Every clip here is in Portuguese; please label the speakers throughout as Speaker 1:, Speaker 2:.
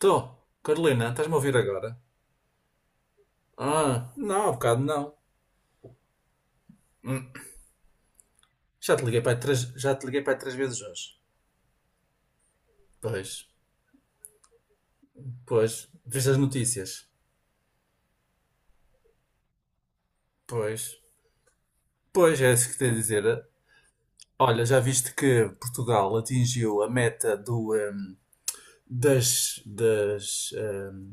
Speaker 1: Tô, Carolina, estás-me a ouvir agora? Ah, não, há bocado não. Hum. Já te liguei para aí três, já te liguei para aí três vezes hoje. Pois. Pois. Viste as notícias? Pois. Pois, é isso que tenho a dizer. Olha, já viste que Portugal atingiu a meta do, das,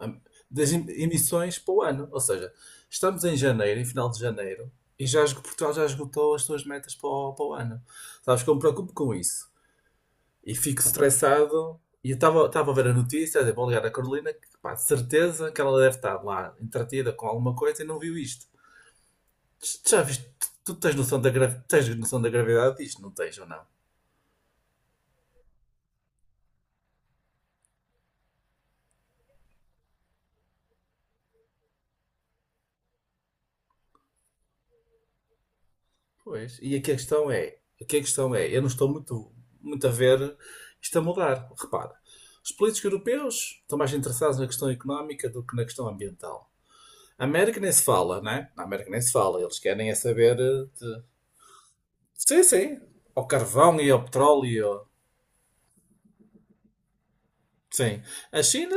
Speaker 1: hum, das emissões para o ano. Ou seja, estamos em janeiro, em final de janeiro, e já Portugal já esgotou as suas metas para o, para o ano. Sabes que eu me preocupo com isso. E fico estressado. E eu estava a ver a notícia, a dizer, vou ligar à Carolina, que pá, de certeza que ela deve estar lá entretida com alguma coisa e não viu isto. Tu já viste? Tu tens noção da, tens noção da gravidade disto? Não tens ou não? Pois. E aqui a questão é, aqui a questão é, eu não estou muito, muito a ver isto a mudar. Repara, os políticos europeus estão mais interessados na questão económica do que na questão ambiental. A América nem se fala, né? Na América nem se fala. Eles querem é saber de... Sim, sim. Ao carvão e ao petróleo. Sim. A China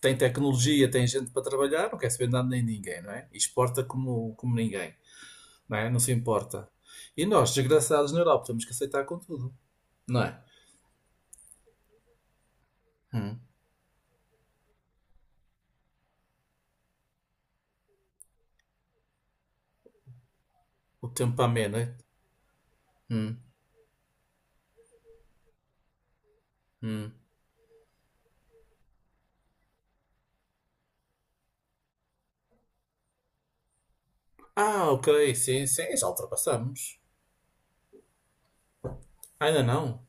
Speaker 1: tem tecnologia, tem gente para trabalhar, não quer saber nada nem ninguém, não é? E exporta como, como ninguém, não é? Não se importa. E nós, desgraçados na Europa, temos que aceitar com tudo, não é? Hum. O tempo ameno, é? Hum. Hum. Ah, ok, sim, sim, já ultrapassamos. Ainda não.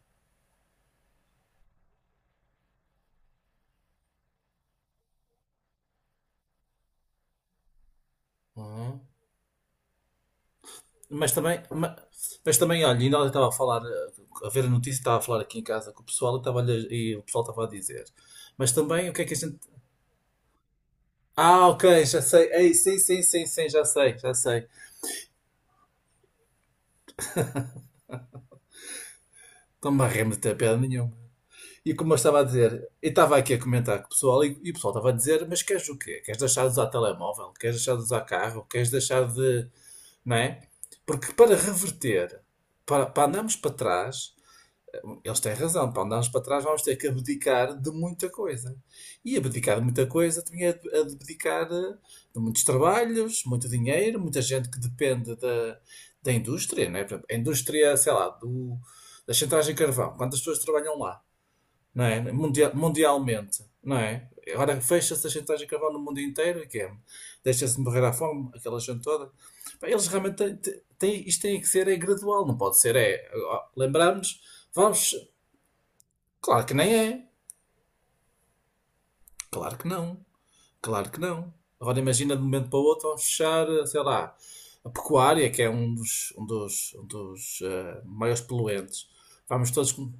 Speaker 1: Hum. Mas também, mas, também, olha, ainda ontem estava a falar, a ver a notícia, estava a falar aqui em casa com o pessoal e, estava e o pessoal estava a dizer. Mas também, o que é que a gente. Ah, ok, já sei. Ei, sim, sim, sim, sim, já sei, já sei. Não me arremeteu a piada nenhuma. E como eu estava a dizer, eu estava aqui a comentar com o pessoal e o pessoal estava a dizer, mas queres o quê? Queres deixar de usar telemóvel? Queres deixar de usar carro? Queres deixar de... Não é? Porque para reverter, para, para andarmos para trás, eles têm razão, para andarmos para trás vamos ter que abdicar de muita coisa. E abdicar de muita coisa também é abdicar de muitos trabalhos, muito dinheiro, muita gente que depende da, da indústria, não é? Por exemplo, a indústria, sei lá, do, da chantagem de carvão, quantas pessoas trabalham lá, não é? Mundialmente, não é? Agora fecha-se a chantagem de carvão no mundo inteiro, e que é? Deixa-se morrer à fome, aquela gente toda. Pá, eles realmente têm, isto tem que ser é gradual, não pode ser é. Ó, lembramos, vamos. Claro que nem é. Claro que não. Claro que não. Agora imagina de um momento para o outro vamos fechar, sei lá, a pecuária, que é um dos, um dos, um dos maiores poluentes. Vamos todos com.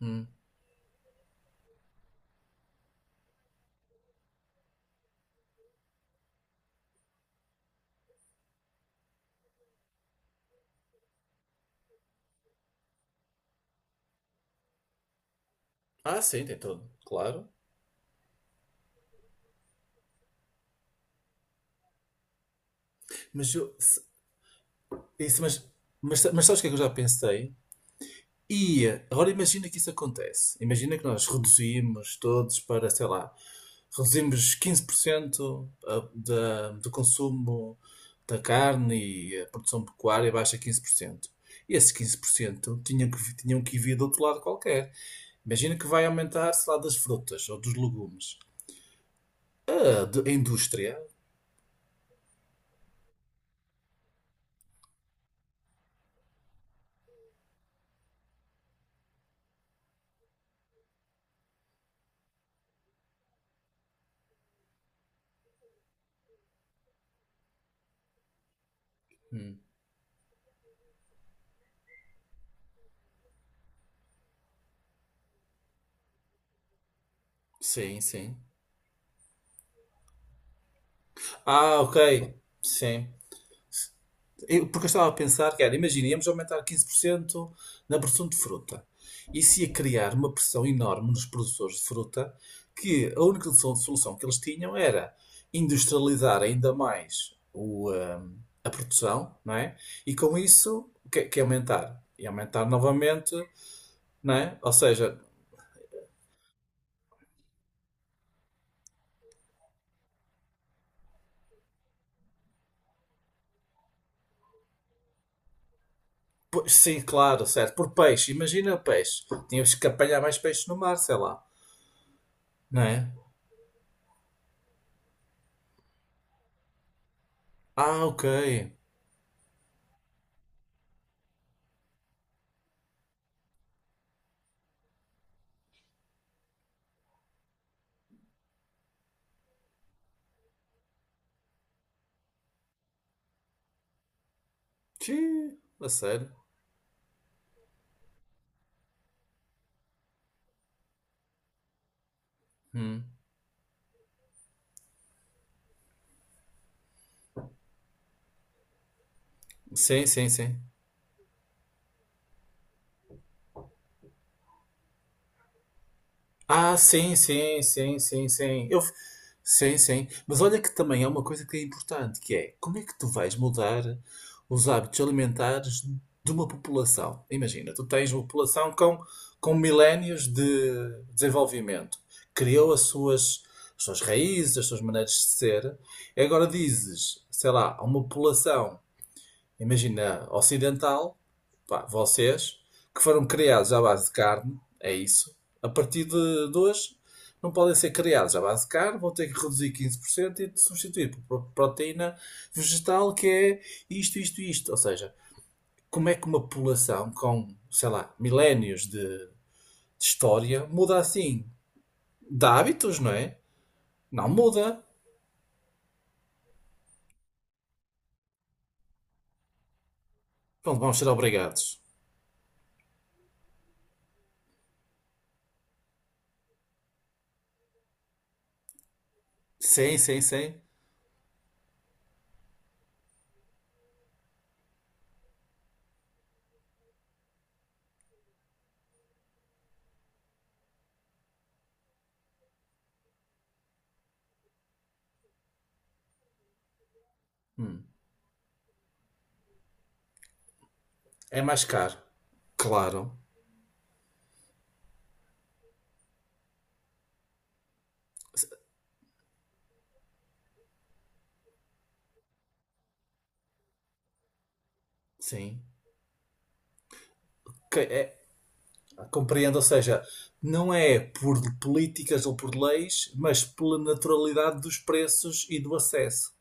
Speaker 1: Hum. Ah, sim, tem todo. Claro. Mas eu. Isso, mas sabes o que é que eu já pensei? Ia. Agora imagina que isso acontece. Imagina que nós reduzimos todos para, sei lá, reduzimos 15% da, do consumo da carne e a produção pecuária baixa 15%. E esses 15% tinham que, tinham que vir do outro lado qualquer. Imagina que vai aumentar, sei lá, das frutas ou dos legumes. A, a indústria. Hum. Sim, sim. Ah, ok. Sim. Porque eu estava a pensar que era, imaginemos aumentar 15% na produção de fruta. Isso ia criar uma pressão enorme nos produtores de fruta, que a única solução que eles tinham era industrializar ainda mais o, a produção, não é? E com isso, o que, que é aumentar? E aumentar novamente, não é? Ou seja, sim, claro, certo, por peixe, imagina peixe. Tínhamos que apanhar mais peixe no mar, sei lá, não é? Ah, ok. Tchê, a sério. Hum. Sim, sim, sim. Ah, sim, sim, sim, sim, sim. Eu... Sim, sim. Mas olha que também é uma coisa que é importante, que é como é que tu vais mudar os hábitos alimentares de uma população? Imagina, tu tens uma população com milénios de desenvolvimento. Criou as suas raízes, as suas maneiras de ser. E agora dizes, sei lá, a uma população. Imagina, ocidental, pá, vocês, que foram criados à base de carne, é isso. A partir de hoje, não podem ser criados à base de carne, vão ter que reduzir 15% e substituir por proteína vegetal, que é isto, isto, isto. Ou seja, como é que uma população com, sei lá, milénios de história muda assim? De hábitos, não é? Não muda. Pronto, vamos ser obrigados. Sim, sim, sim. Hum. É mais caro. Claro. Sim. Que é, compreendo, ou seja, não é por políticas ou por leis, mas pela naturalidade dos preços e do acesso.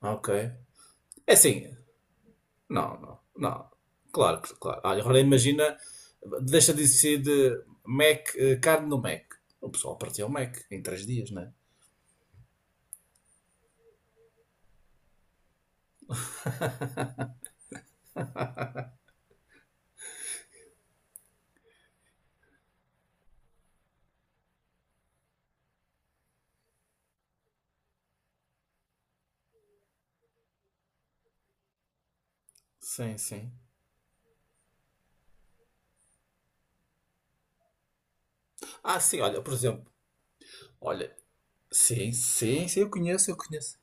Speaker 1: Ok. É assim, não, não, não. Claro, claro. Olha, agora imagina, deixa de ser de Mac, carne no Mac. O pessoal partiu o Mac em três dias, não é? Sim, sim. Ah, sim, olha, por exemplo, olha, sim, sim, sim, eu conheço, eu conheço.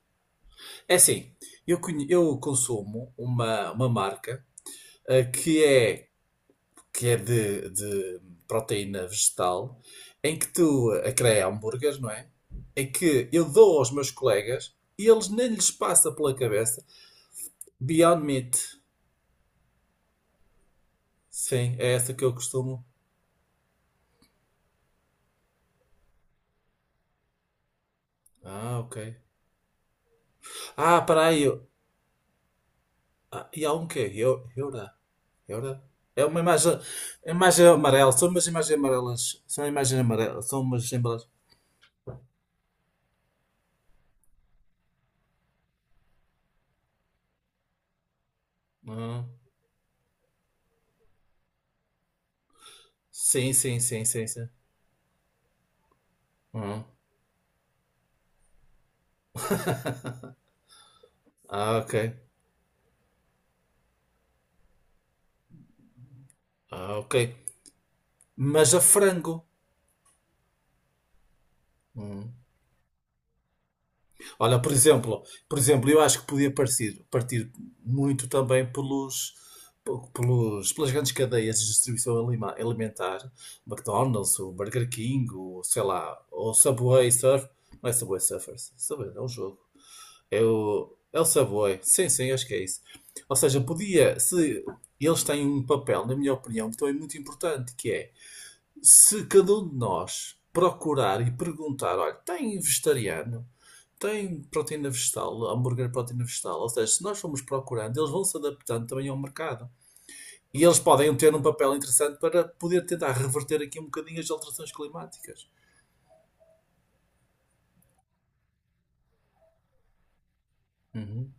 Speaker 1: É assim, eu, eu consumo uma marca eh, que é que é de proteína vegetal, em que tu a creia hambúrgueres, não é? Em que eu dou aos meus colegas e eles nem lhes passa pela cabeça. Beyond Meat. Sim, é essa que eu costumo. Ah, ok. Ah, peraí. Ah, e há um quê? Eura. Eura? É uma imagem, imagem é amarela. São umas imagens amarelas. São imagens amarelas. São umas embalagens. Ah, sim, sim, sim, sim, sim. Ah, ah, ok. Ah, ok. Mas a frango. Hum. Olha, por exemplo, eu acho que podia partir, partir muito também pelos, pelos, pelas grandes cadeias de distribuição alimentar, McDonald's, o Burger King, o, sei lá, o Subway Surf, não é Subway Surfers, Subway, é um jogo, é o, é o Subway, sim, sim, acho que é isso. Ou seja, podia, se eles têm um papel, na minha opinião, que também é muito importante, que é, se cada um de nós procurar e perguntar, olha, tem vegetariano? Tem proteína vegetal, hambúrguer proteína vegetal. Ou seja, se nós formos procurando, eles vão se adaptando também ao mercado. E eles podem ter um papel interessante para poder tentar reverter aqui um bocadinho as alterações climáticas. Uhum.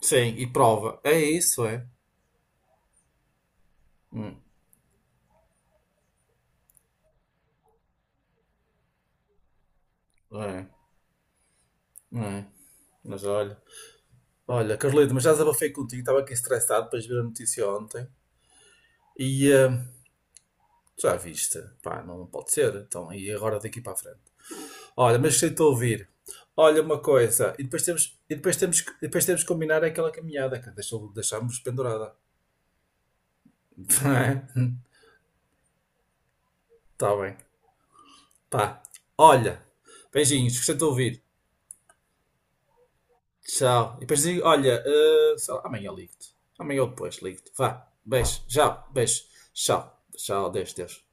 Speaker 1: Sim, e prova. É isso, é. É, é. Mas olha. Olha, Carlito, mas já desabafei contigo. Estava aqui estressado depois de ver a notícia ontem. E já viste. Pá, não pode ser. Então, e agora daqui para a frente? Olha, mas gostei de te ouvir. Olha uma coisa, e depois temos, e depois temos, e depois temos que combinar aquela caminhada que deixou, deixámos pendurada. Não é? Tá bem. Pá. Olha, beijinhos, gostei de te ouvir. Tchau. E depois digo, olha, sei lá, amanhã ligo-te. Amanhã ou depois ligo-te. Vá, beijo, tchau, tchau, Deus, Deus.